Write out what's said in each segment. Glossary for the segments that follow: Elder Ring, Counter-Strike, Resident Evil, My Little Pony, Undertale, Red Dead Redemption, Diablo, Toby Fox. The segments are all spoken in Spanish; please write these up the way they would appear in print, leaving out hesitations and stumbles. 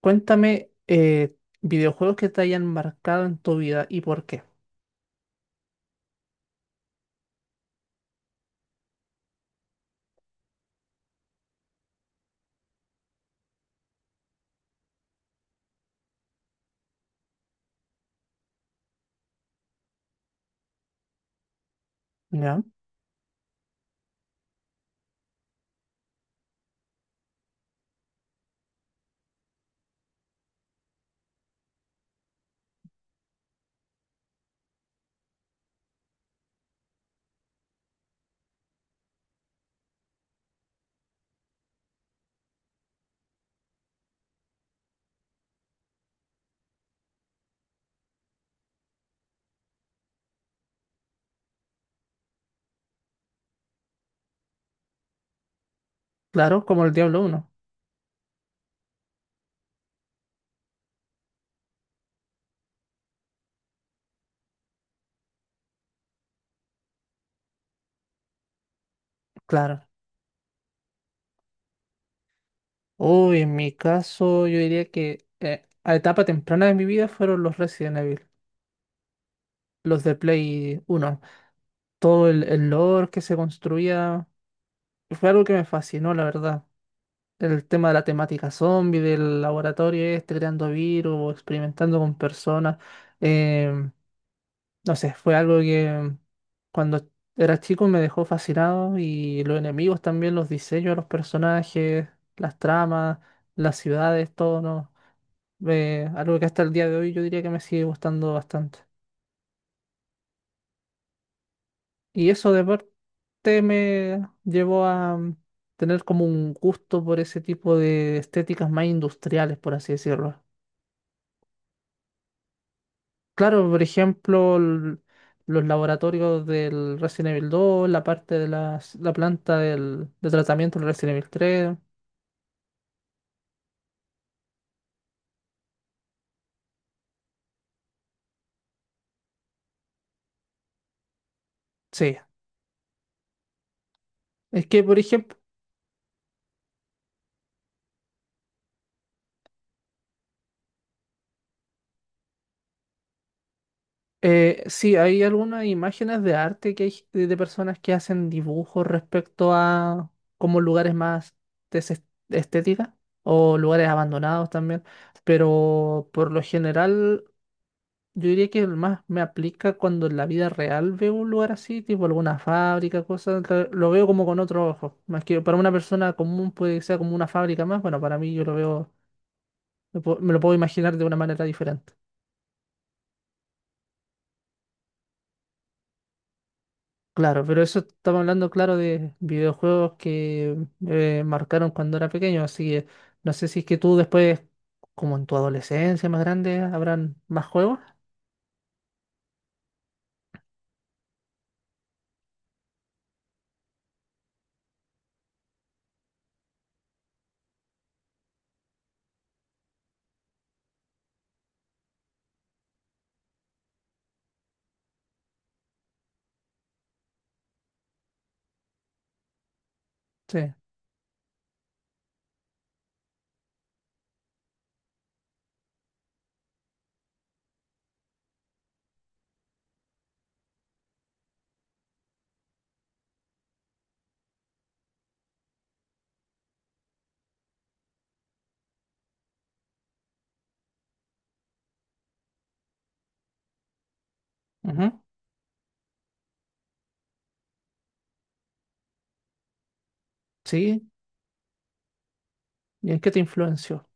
Cuéntame videojuegos que te hayan marcado en tu vida y por qué. ¿Ya? Claro, como el Diablo uno. Claro. Uy, en mi caso, yo diría que a etapa temprana de mi vida fueron los Resident Evil, los de Play uno. Todo el lore que se construía fue algo que me fascinó, la verdad. El tema de la temática zombie, del laboratorio este, creando virus, experimentando con personas. em, No sé, fue algo que cuando era chico me dejó fascinado, y los enemigos también, los diseños de los personajes, las tramas, las ciudades, todo, ¿no? Algo que hasta el día de hoy yo diría que me sigue gustando bastante. Y eso de parte me llevó a tener como un gusto por ese tipo de estéticas más industriales, por así decirlo. Claro, por ejemplo, los laboratorios del Resident Evil 2, la parte de la planta del, de tratamiento del Resident Evil 3. Sí, es que, por ejemplo, sí, hay algunas imágenes de arte que hay de personas que hacen dibujos respecto a como lugares más des- estéticas o lugares abandonados también, pero por lo general yo diría que el más me aplica cuando en la vida real veo un lugar así, tipo alguna fábrica, cosas, que lo veo como con otro ojo. Más que para una persona común puede que sea como una fábrica más, bueno, para mí yo lo veo, me lo puedo imaginar de una manera diferente. Claro, pero eso estamos hablando, claro, de videojuegos que marcaron cuando era pequeño, así que no sé si es que tú después, como en tu adolescencia más grande, habrán más juegos. Sí. Ujú. Sí. ¿Y en qué te influenció?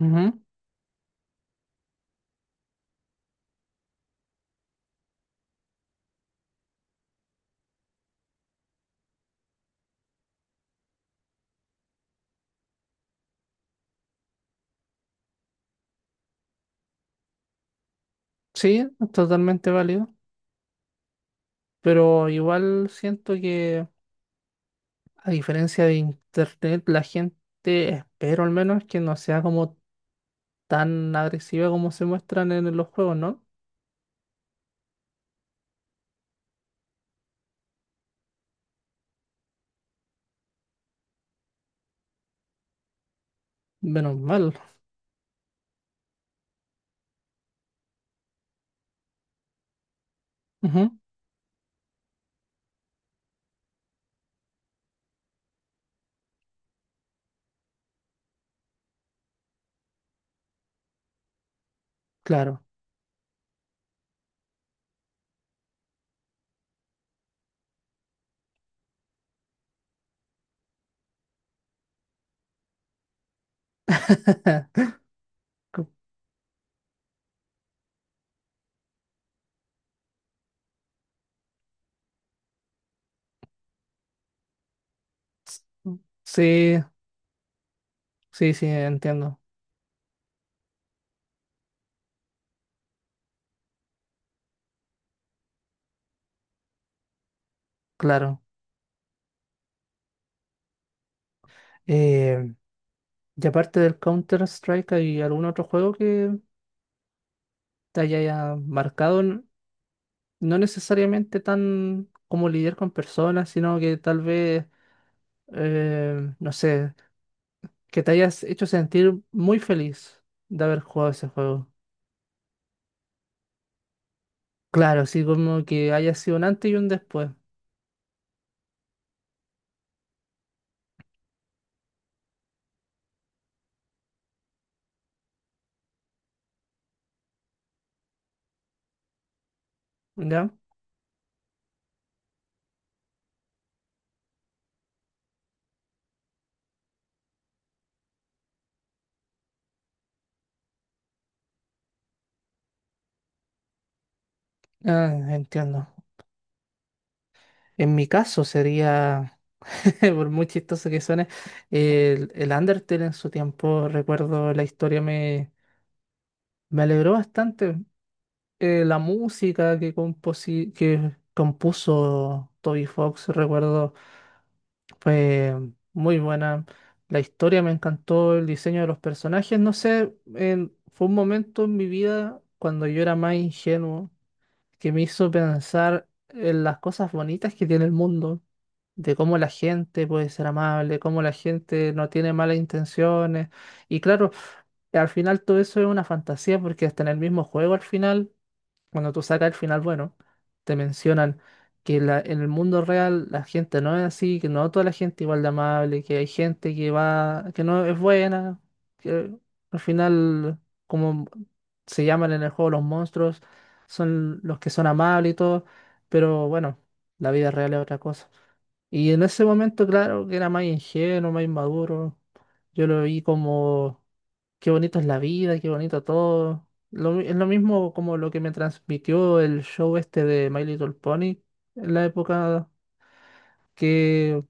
Ujú. Sí, totalmente válido. Pero igual siento que, a diferencia de internet, la gente, espero al menos, que no sea como tan agresiva como se muestran en los juegos, ¿no? Menos mal. Ujú. Claro. Co- Sí, sí, sí, entiendo. Claro. Eh, y aparte del Counter-Strike, ¿hay algún otro juego que te haya marcado? No necesariamente tan como lidiar con personas, sino que tal vez, no sé, que te hayas hecho sentir muy feliz de haber jugado ese juego. Claro, así como que haya sido un antes y un después. ¿Ya? Ah, entiendo. En mi caso sería, por muy chistoso que suene, el Undertale. En su tiempo, recuerdo la historia me alegró bastante. La música que, que compuso Toby Fox, recuerdo fue muy buena. La historia me encantó, el diseño de los personajes. No sé, fue un momento en mi vida cuando yo era más ingenuo, que me hizo pensar en las cosas bonitas que tiene el mundo, de cómo la gente puede ser amable, cómo la gente no tiene malas intenciones. Y claro, al final todo eso es una fantasía porque hasta en el mismo juego al final, cuando tú sacas el final bueno, te mencionan que en el mundo real la gente no es así, que no toda la gente igual de amable, que hay gente que va, que no es buena, que al final, como se llaman en el juego los monstruos, son los que son amables y todo, pero bueno, la vida real es otra cosa. Y en ese momento, claro, que era más ingenuo, más inmaduro, yo lo vi como, qué bonito es la vida, qué bonito todo. Es lo mismo como lo que me transmitió el show este de My Little Pony en la época, que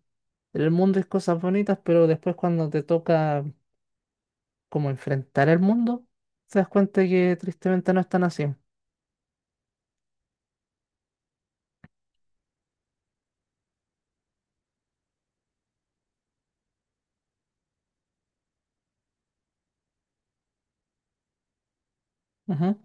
el mundo es cosas bonitas, pero después cuando te toca como enfrentar el mundo, te das cuenta que tristemente no están así. Ujú,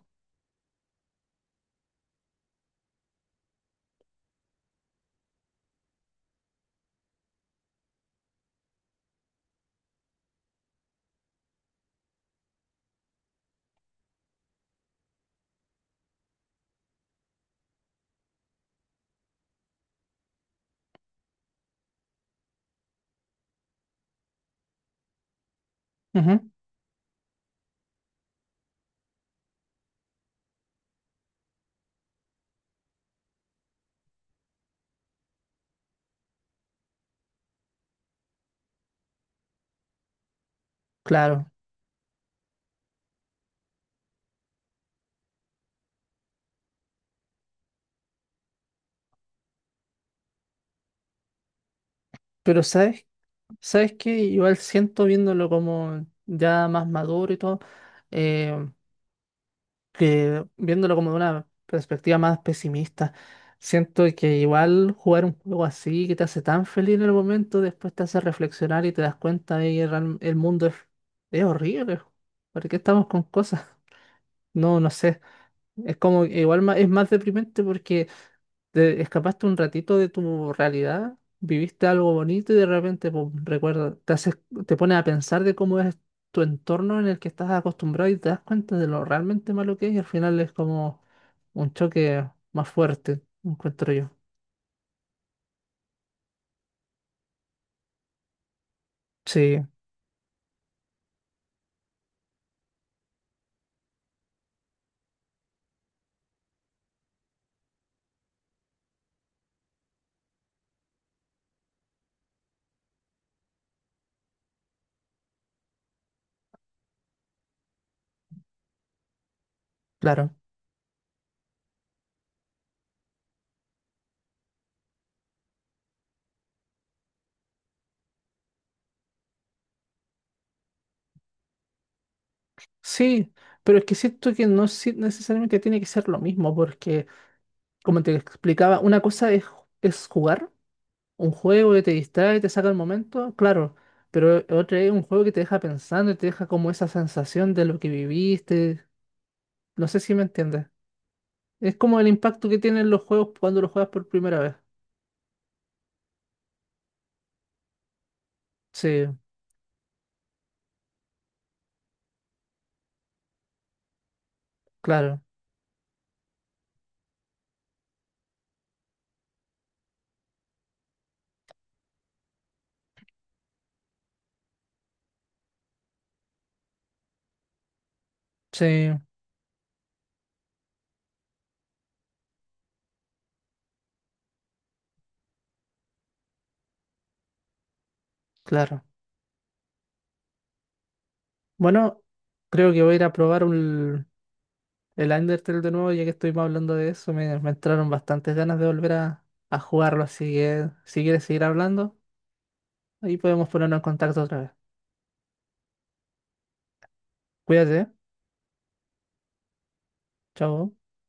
ujú, claro. Pero ¿sabes? ¿Sabes qué? Igual siento, viéndolo como ya más maduro y todo, eh, que viéndolo como de una perspectiva más pesimista, siento que igual jugar un juego así que te hace tan feliz en el momento, después te hace reflexionar y te das cuenta de que el mundo es horrible. ¿Por qué estamos con cosas? No, no sé. Es como, igual es más deprimente porque te escapaste un ratito de tu realidad, viviste algo bonito y de repente, pum, recuerda, te pones a pensar de cómo es tu entorno en el que estás acostumbrado y te das cuenta de lo realmente malo que es, y al final es como un choque más fuerte, encuentro yo. Sí, claro. Sí, pero es que siento que no necesariamente tiene que ser lo mismo porque, como te explicaba, una cosa es jugar un juego que te distrae y te saca el momento, claro, pero otro es un juego que te deja pensando y te deja como esa sensación de lo que viviste. No sé si me entiendes. Es como el impacto que tienen los juegos cuando los juegas por primera vez. Sí, claro, sí, claro. Bueno, creo que voy a ir a probar el Undertale de nuevo, ya que estuvimos hablando de eso. Me entraron bastantes ganas de volver a jugarlo, así que si quieres seguir hablando, ahí podemos ponernos en contacto otra vez. Cuídate, ¿eh? Chao.